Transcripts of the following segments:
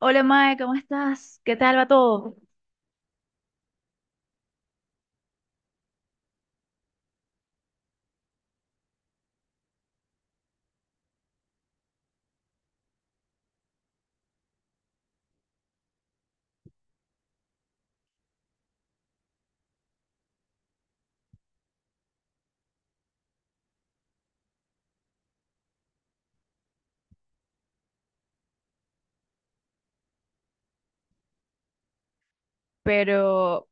Hola, Mae, ¿cómo estás? ¿Qué tal va todo? Pero,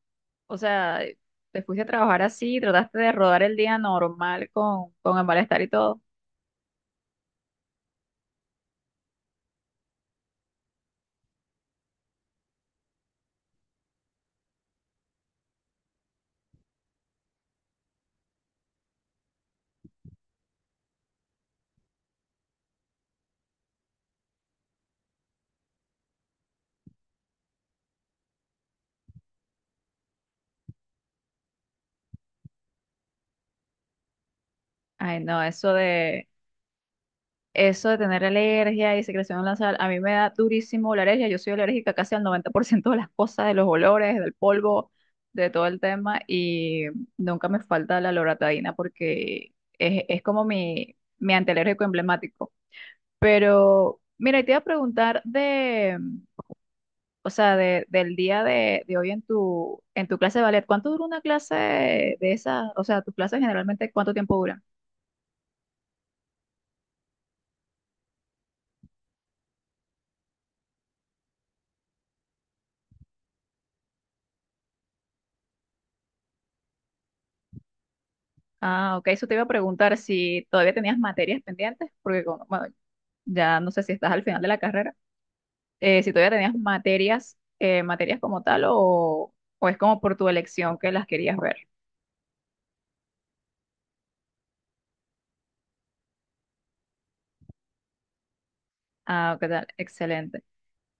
o sea, te fuiste a trabajar así, trataste de rodar el día normal con el malestar y todo. Ay, no, eso de tener alergia y secreción en la sal, a mí me da durísimo la alergia. Yo soy alérgica casi al 90% de las cosas, de los olores, del polvo, de todo el tema, y nunca me falta la loratadina porque es como mi antialérgico emblemático. Pero, mira, y te iba a preguntar de. O sea, de- del día de hoy en tu clase de ballet, ¿cuánto dura una clase de esas? O sea, tus clases generalmente, ¿cuánto tiempo duran? Ah, ok, eso te iba a preguntar si todavía tenías materias pendientes, porque bueno, ya no sé si estás al final de la carrera, si todavía tenías materias como tal o es como por tu elección que las querías ver. Ah, qué tal, excelente.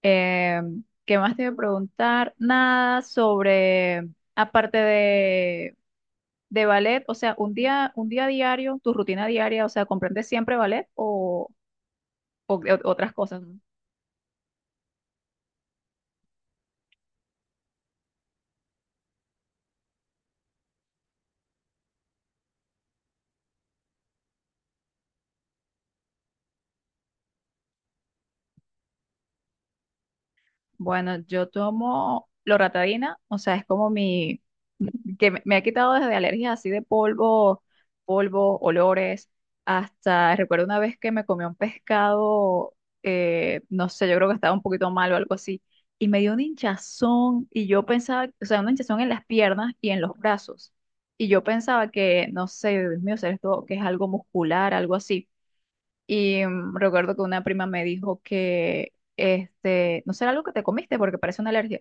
¿Qué más te iba a preguntar? Nada sobre, aparte de ballet. O sea, un día diario, tu rutina diaria, o sea, ¿comprendes siempre ballet o otras cosas? ¿No? Bueno, yo tomo loratadina, o sea, es como mi, que me ha quitado desde alergias así de polvo, olores, hasta recuerdo una vez que me comí un pescado, no sé, yo creo que estaba un poquito mal o algo así, y me dio un hinchazón y yo pensaba, o sea, una hinchazón en las piernas y en los brazos, y yo pensaba que, no sé, Dios mío, será esto que es algo muscular, algo así. Y recuerdo que una prima me dijo que, este, no será algo que te comiste porque parece una alergia.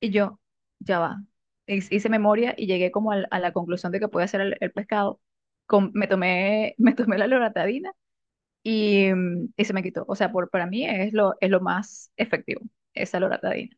Y yo, ya va. Hice memoria y llegué como a la conclusión de que podía ser el pescado. Me tomé, me tomé la loratadina y se me quitó. O sea, para mí es lo más efectivo, esa loratadina.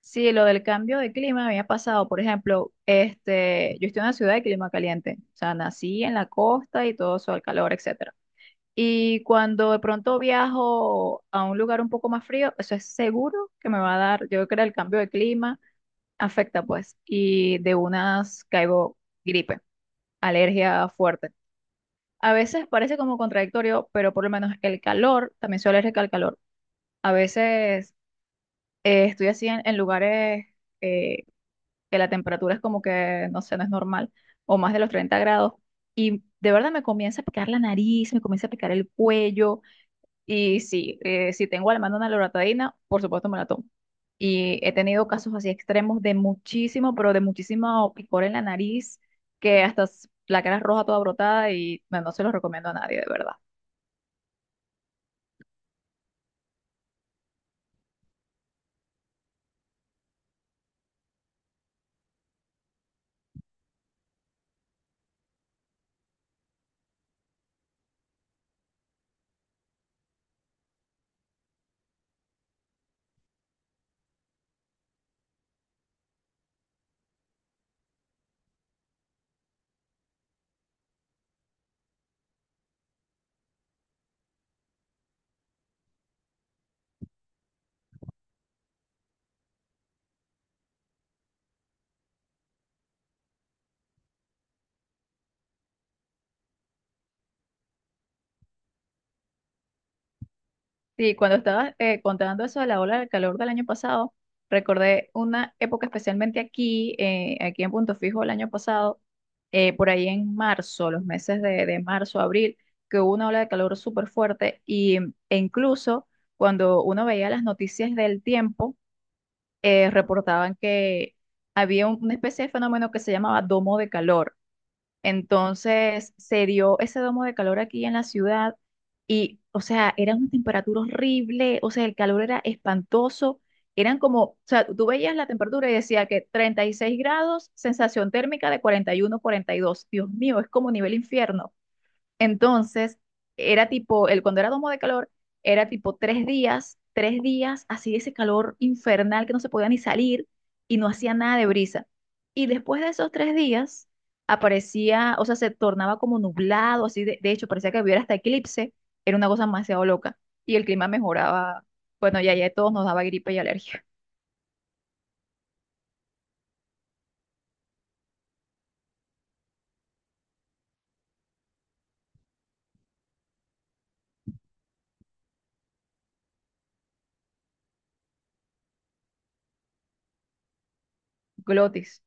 Sí, lo del cambio de clima me había pasado, por ejemplo, este, yo estoy en una ciudad de clima caliente. O sea, nací en la costa y todo eso, el calor, etcétera. Y cuando de pronto viajo a un lugar un poco más frío, eso es seguro que me va a dar, yo creo que el cambio de clima afecta pues, y de unas caigo gripe, alergia fuerte. A veces parece como contradictorio, pero por lo menos el calor, también soy alérgica al calor. A veces estoy así en lugares eh, que la temperatura es como que, no sé, no es normal, o más de los 30 grados, y de verdad me comienza a picar la nariz, me comienza a picar el cuello. Y sí, si tengo a la mano una loratadina, por supuesto me la tomo. Y he tenido casos así extremos de muchísimo, pero de muchísimo picor en la nariz, que hasta la cara es roja toda brotada y no, no se los recomiendo a nadie, de verdad. Sí, cuando estabas contando eso de la ola del calor del año pasado, recordé una época especialmente aquí en Punto Fijo el año pasado, por ahí en marzo, los meses de marzo, abril, que hubo una ola de calor súper fuerte e incluso cuando uno veía las noticias del tiempo, reportaban que había una especie de fenómeno que se llamaba domo de calor. Entonces se dio ese domo de calor aquí en la ciudad y, o sea, era una temperatura horrible, o sea, el calor era espantoso, eran como, o sea, tú veías la temperatura y decía que 36 grados, sensación térmica de 40, 41, 42. Dios mío, es como nivel infierno. Entonces, era tipo, cuando era domo de calor, era tipo 3 días, 3 días así de ese calor infernal que no se podía ni salir y no hacía nada de brisa. Y después de esos 3 días aparecía, o sea, se tornaba como nublado, así de hecho, parecía que hubiera hasta eclipse, era una cosa demasiado loca. Y el clima mejoraba, bueno, ya, ya todos nos daba gripe y alergia. Glotis.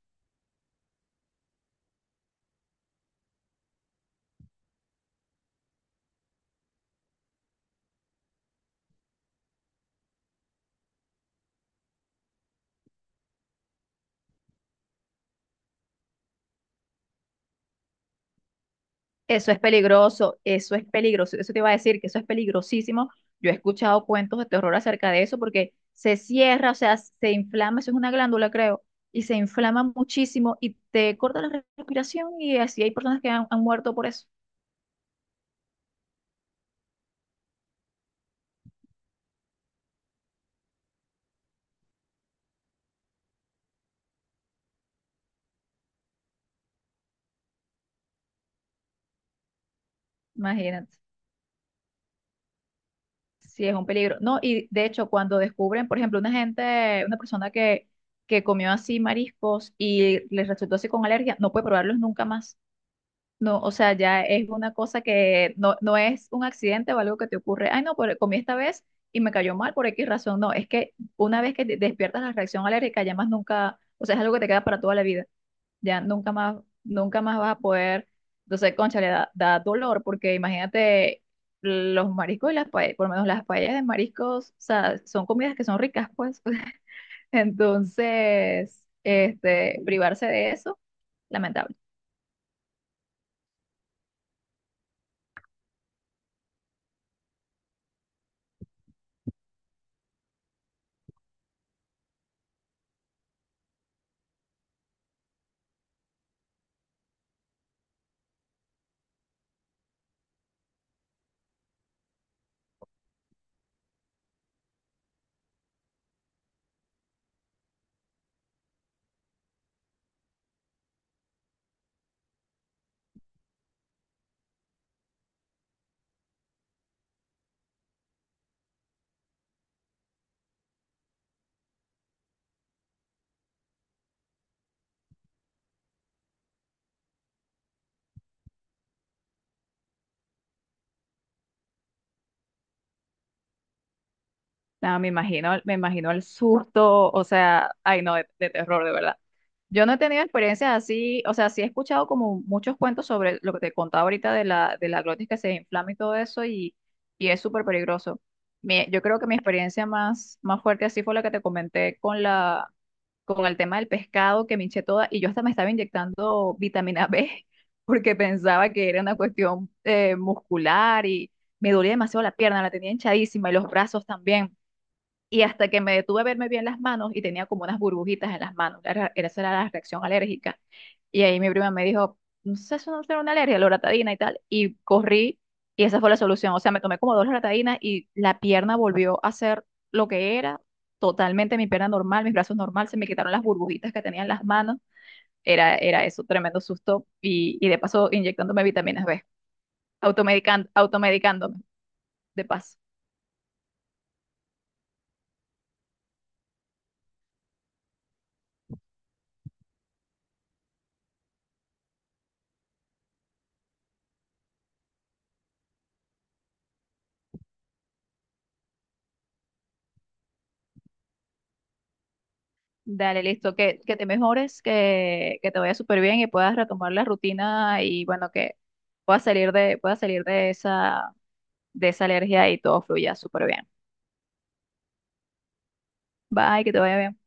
Eso es peligroso, eso es peligroso, eso te iba a decir que eso es peligrosísimo. Yo he escuchado cuentos de terror acerca de eso porque se cierra, o sea, se inflama, eso es una glándula, creo, y se inflama muchísimo y te corta la respiración y así hay personas que han muerto por eso. Imagínate, sí es un peligro. No, y de hecho cuando descubren, por ejemplo, una gente, una persona que comió así mariscos y les resultó así con alergia, no puede probarlos nunca más. No, o sea, ya es una cosa que no, no es un accidente o algo que te ocurre. Ay, no, pero comí esta vez y me cayó mal por X razón. No, es que una vez que despiertas la reacción alérgica, ya más nunca, o sea, es algo que te queda para toda la vida. Ya nunca más, nunca más vas a poder. Entonces, concha, le da dolor porque imagínate los mariscos y las paellas, por lo menos las paellas de mariscos, o sea, son comidas que son ricas, pues. Entonces, este, privarse de eso, lamentable. Nada, me imagino el susto, o sea, ay, no, de terror, de verdad. Yo no he tenido experiencias así, o sea, sí he escuchado como muchos cuentos sobre lo que te contaba ahorita de la glotis que se inflama y todo eso, y es súper peligroso. Yo creo que mi experiencia más fuerte así fue la que te comenté con la, con el tema del pescado, que me hinché toda, y yo hasta me estaba inyectando vitamina B, porque pensaba que era una cuestión muscular y me dolía demasiado la pierna, la tenía hinchadísima y los brazos también. Y hasta que me detuve a verme bien las manos y tenía como unas burbujitas en las manos. Esa era la reacción alérgica. Y ahí mi prima me dijo, no sé, eso no será una alergia, la loratadina y tal. Y corrí y esa fue la solución. O sea, me tomé como dos loratadinas y la pierna volvió a ser lo que era. Totalmente mi pierna normal, mis brazos normal, se me quitaron las burbujitas que tenía en las manos. Era eso, tremendo susto. Y de paso inyectándome vitaminas B, automedicándome, de paso. Dale, listo. Que te mejores, que te vaya súper bien y puedas retomar la rutina y bueno, que puedas salir de esa alergia y todo fluya súper bien. Bye, que te vaya bien.